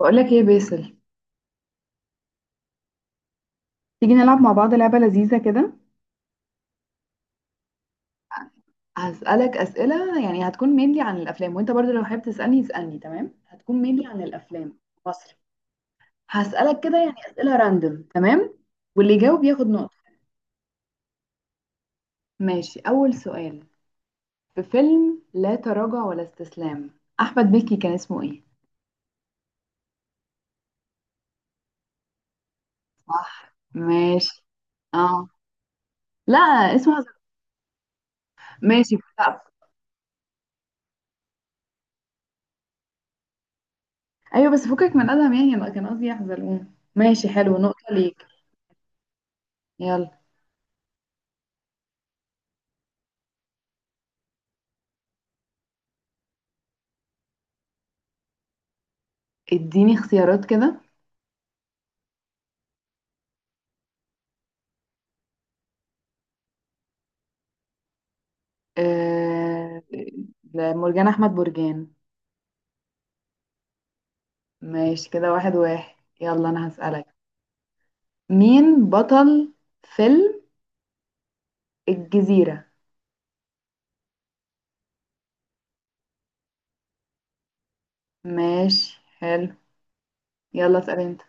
بقولك ايه يا باسل؟ تيجي نلعب مع بعض لعبة لذيذة كده. هسألك أسئلة، يعني هتكون مينلي عن الأفلام، وانت برضو لو حابب تسألني اسألني. تمام، هتكون مينلي عن الأفلام. مصري. هسألك كده يعني أسئلة راندوم. تمام. واللي يجاوب ياخد نقطة. ماشي، أول سؤال. في فيلم لا تراجع ولا استسلام، أحمد مكي كان اسمه ايه؟ صح، ماشي. اه لا، اسمه حزلقوم. ماشي، لا. أيوه بس فكك من أدهم، يعني أنا كان قصدي يا حزلقوم. ماشي، حلو، نقطة ليك. يلا، اديني اختيارات كده. آه... مرجان احمد برجان. ماشي كده، واحد واحد. يلا انا هسألك. مين بطل فيلم الجزيرة؟ ماشي، حلو. يلا اسأل انت.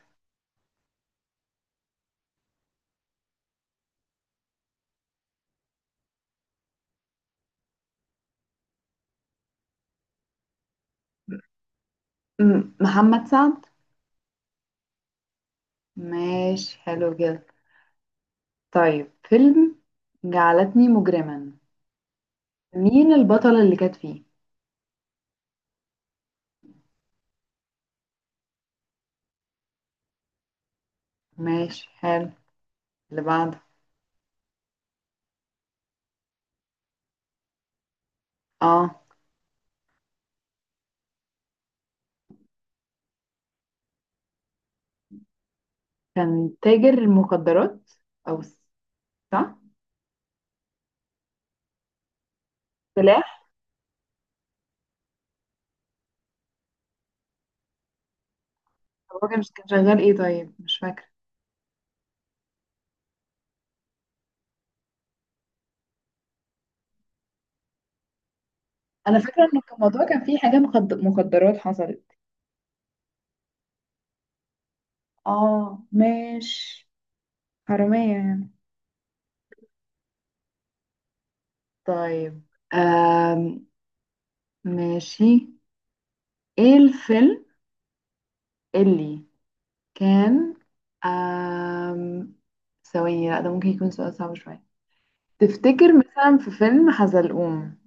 محمد سعد. ماشي، حلو كده. طيب، فيلم جعلتني مجرما، مين البطلة اللي كانت فيه؟ ماشي، حلو، اللي بعده. اه، كان تاجر المخدرات. او س- صح، سلاح. هو كان شغال ايه طيب؟ مش فاكرة. انا فاكره ان كان الموضوع، كان فيه حاجه مخدرات حصلت. اه ماشي، حراميه يعني. طيب، آم. ماشي، ايه الفيلم اللي كان؟ آم. ثواني، لا ده ممكن يكون سؤال صعب شوية. تفتكر مثلا في فيلم حزلقوم،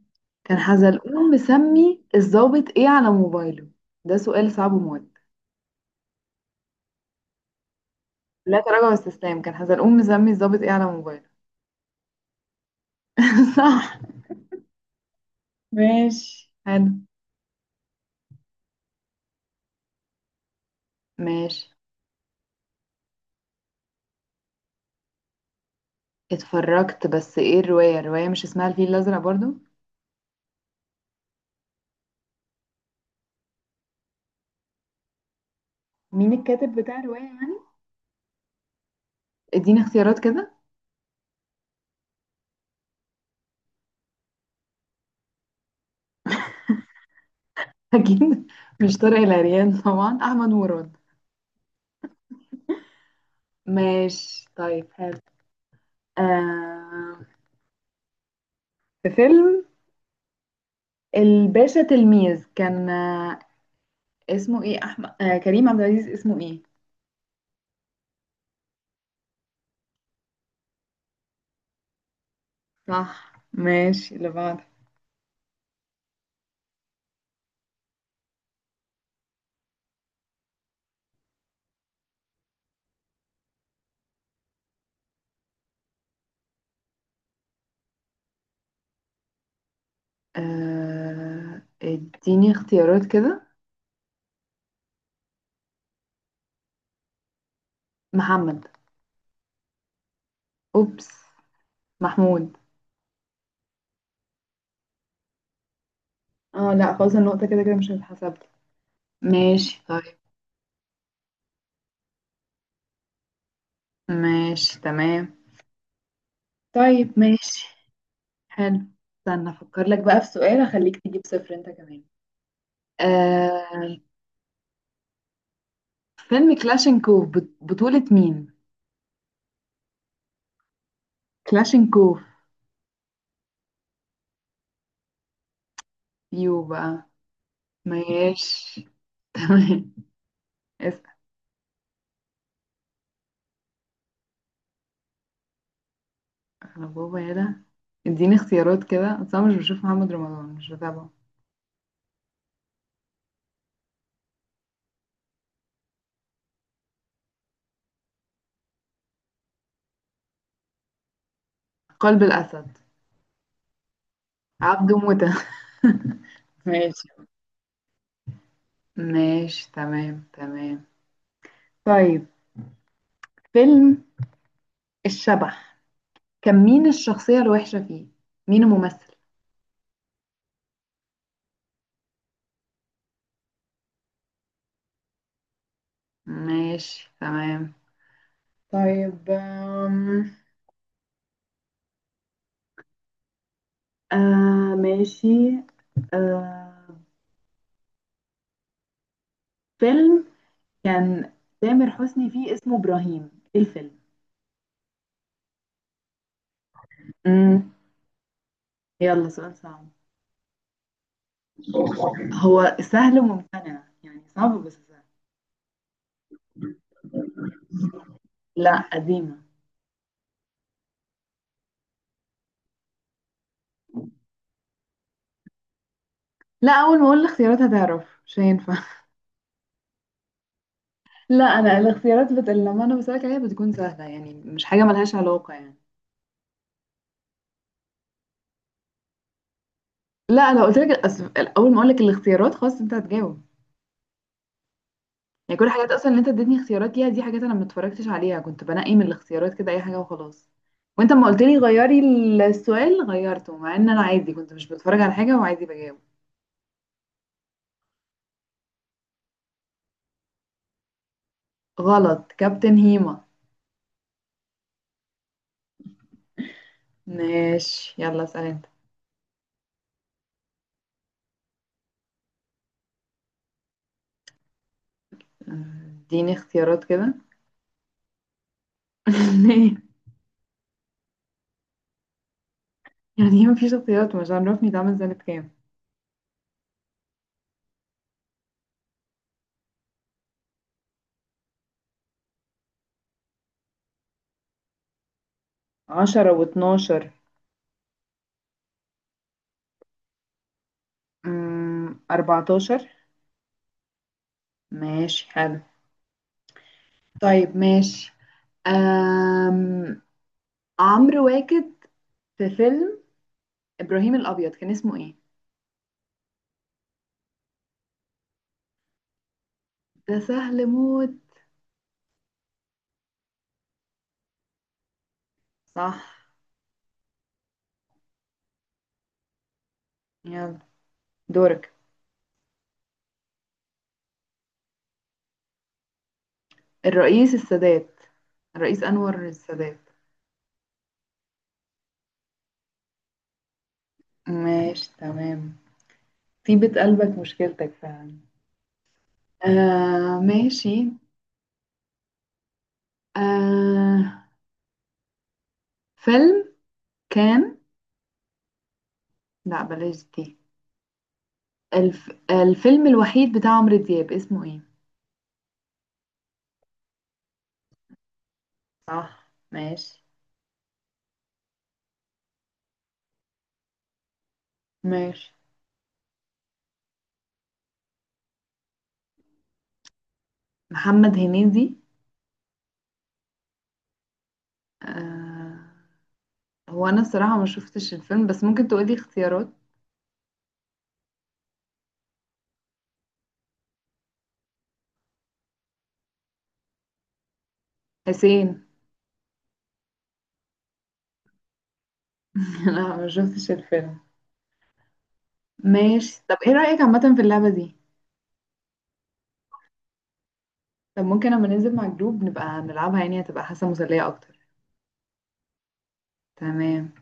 كان حزلقوم مسمي الضابط ايه على موبايله؟ ده سؤال صعب موت. لا تراجع واستسلام، كان حزلقوم مسمي الضابط ايه على موبايله؟ صح، ماشي حلو. ماشي. اتفرجت، بس ايه الرواية؟ الرواية مش اسمها الفيل الأزرق برضو. مين الكاتب بتاع الرواية يعني؟ اديني اختيارات كده اكيد مش طارق العريان طبعا، احمد مراد. ماشي طيب، حلو. آه، في فيلم الباشا تلميذ، كان اسمه ايه احمد، كريم عبد العزيز اسمه ايه؟ صح ماشي، اللي بعده. اديني اختيارات كده. محمد. اوبس، محمود. اه لا، خلاص النقطة كده كده مش هتتحسب. ماشي طيب، ماشي تمام. طيب ماشي، حلو. استنى افكر لك بقى في سؤال اخليك تجيب صفر انت كمان. آه فيلم كلاشينكوف، بطولة مين؟ كلاشينكوف. يو بقى. ماشي تمام. اسأل. انا بابا يا ده. اديني اختيارات كده، اصل انا مش بشوف محمد رمضان، مش بتابعه. قلب الاسد. عبده موتة. ماشي. ماشي تمام، تمام. طيب، فيلم الشبح، كان مين الشخصية الوحشة فيه؟ مين الممثل؟ ماشي تمام. طيب، ماشي. آه فيلم كان تامر حسني فيه اسمه إبراهيم، إيه الفيلم؟ مم. يلا، سؤال صعب. هو سهل وممتنع، يعني صعب بس سهل. لا، قديمة. لا، أول ما أقول الاختيارات هتعرف، مش هينفع لا، أنا الاختيارات لما أنا بسألك عليها بتكون سهلة، يعني مش حاجة ملهاش علاقة يعني. لا انا قلت لك اول ما اقول لك الاختيارات خلاص انت هتجاوب. يعني كل الحاجات اصلا اللي انت اديتني اختيارات ليها دي حاجات انا ما اتفرجتش عليها، كنت بنقي من الاختيارات كده اي حاجه وخلاص. وانت ما قلت لي غيري. السؤال غيرته، مع ان انا عادي كنت مش بتفرج على حاجه وعادي بجاوب. غلط، كابتن هيما. ماشي، يلا اسال انت. اديني اختيارات كده ليه؟ يعني ما فيش اختيارات؟ مش عارفني ده عامل سنه كام. 10 و12. 14. ماشي حلو. طيب ماشي، أم... عمرو واكد في فيلم إبراهيم الأبيض كان اسمه إيه؟ ده سهل موت. صح. يلا دورك. الرئيس السادات، الرئيس أنور السادات. ماشي تمام. طيبة قلبك مشكلتك فعلا. آه ماشي. آه فيلم كان، لا بلاش دي. الفيلم الوحيد بتاع عمرو دياب اسمه ايه؟ صح ماشي. ماشي. محمد هنيدي. آه هو انا الصراحة ما شفتش الفيلم، بس ممكن تقولي اختيارات. حسين. انا ما شفتش الفيلم. ماشي، طب ايه رأيك عامة في اللعبة دي؟ طب ممكن لما ننزل مع الجروب نبقى نلعبها، يعني هتبقى حاسة مسلية اكتر. تمام.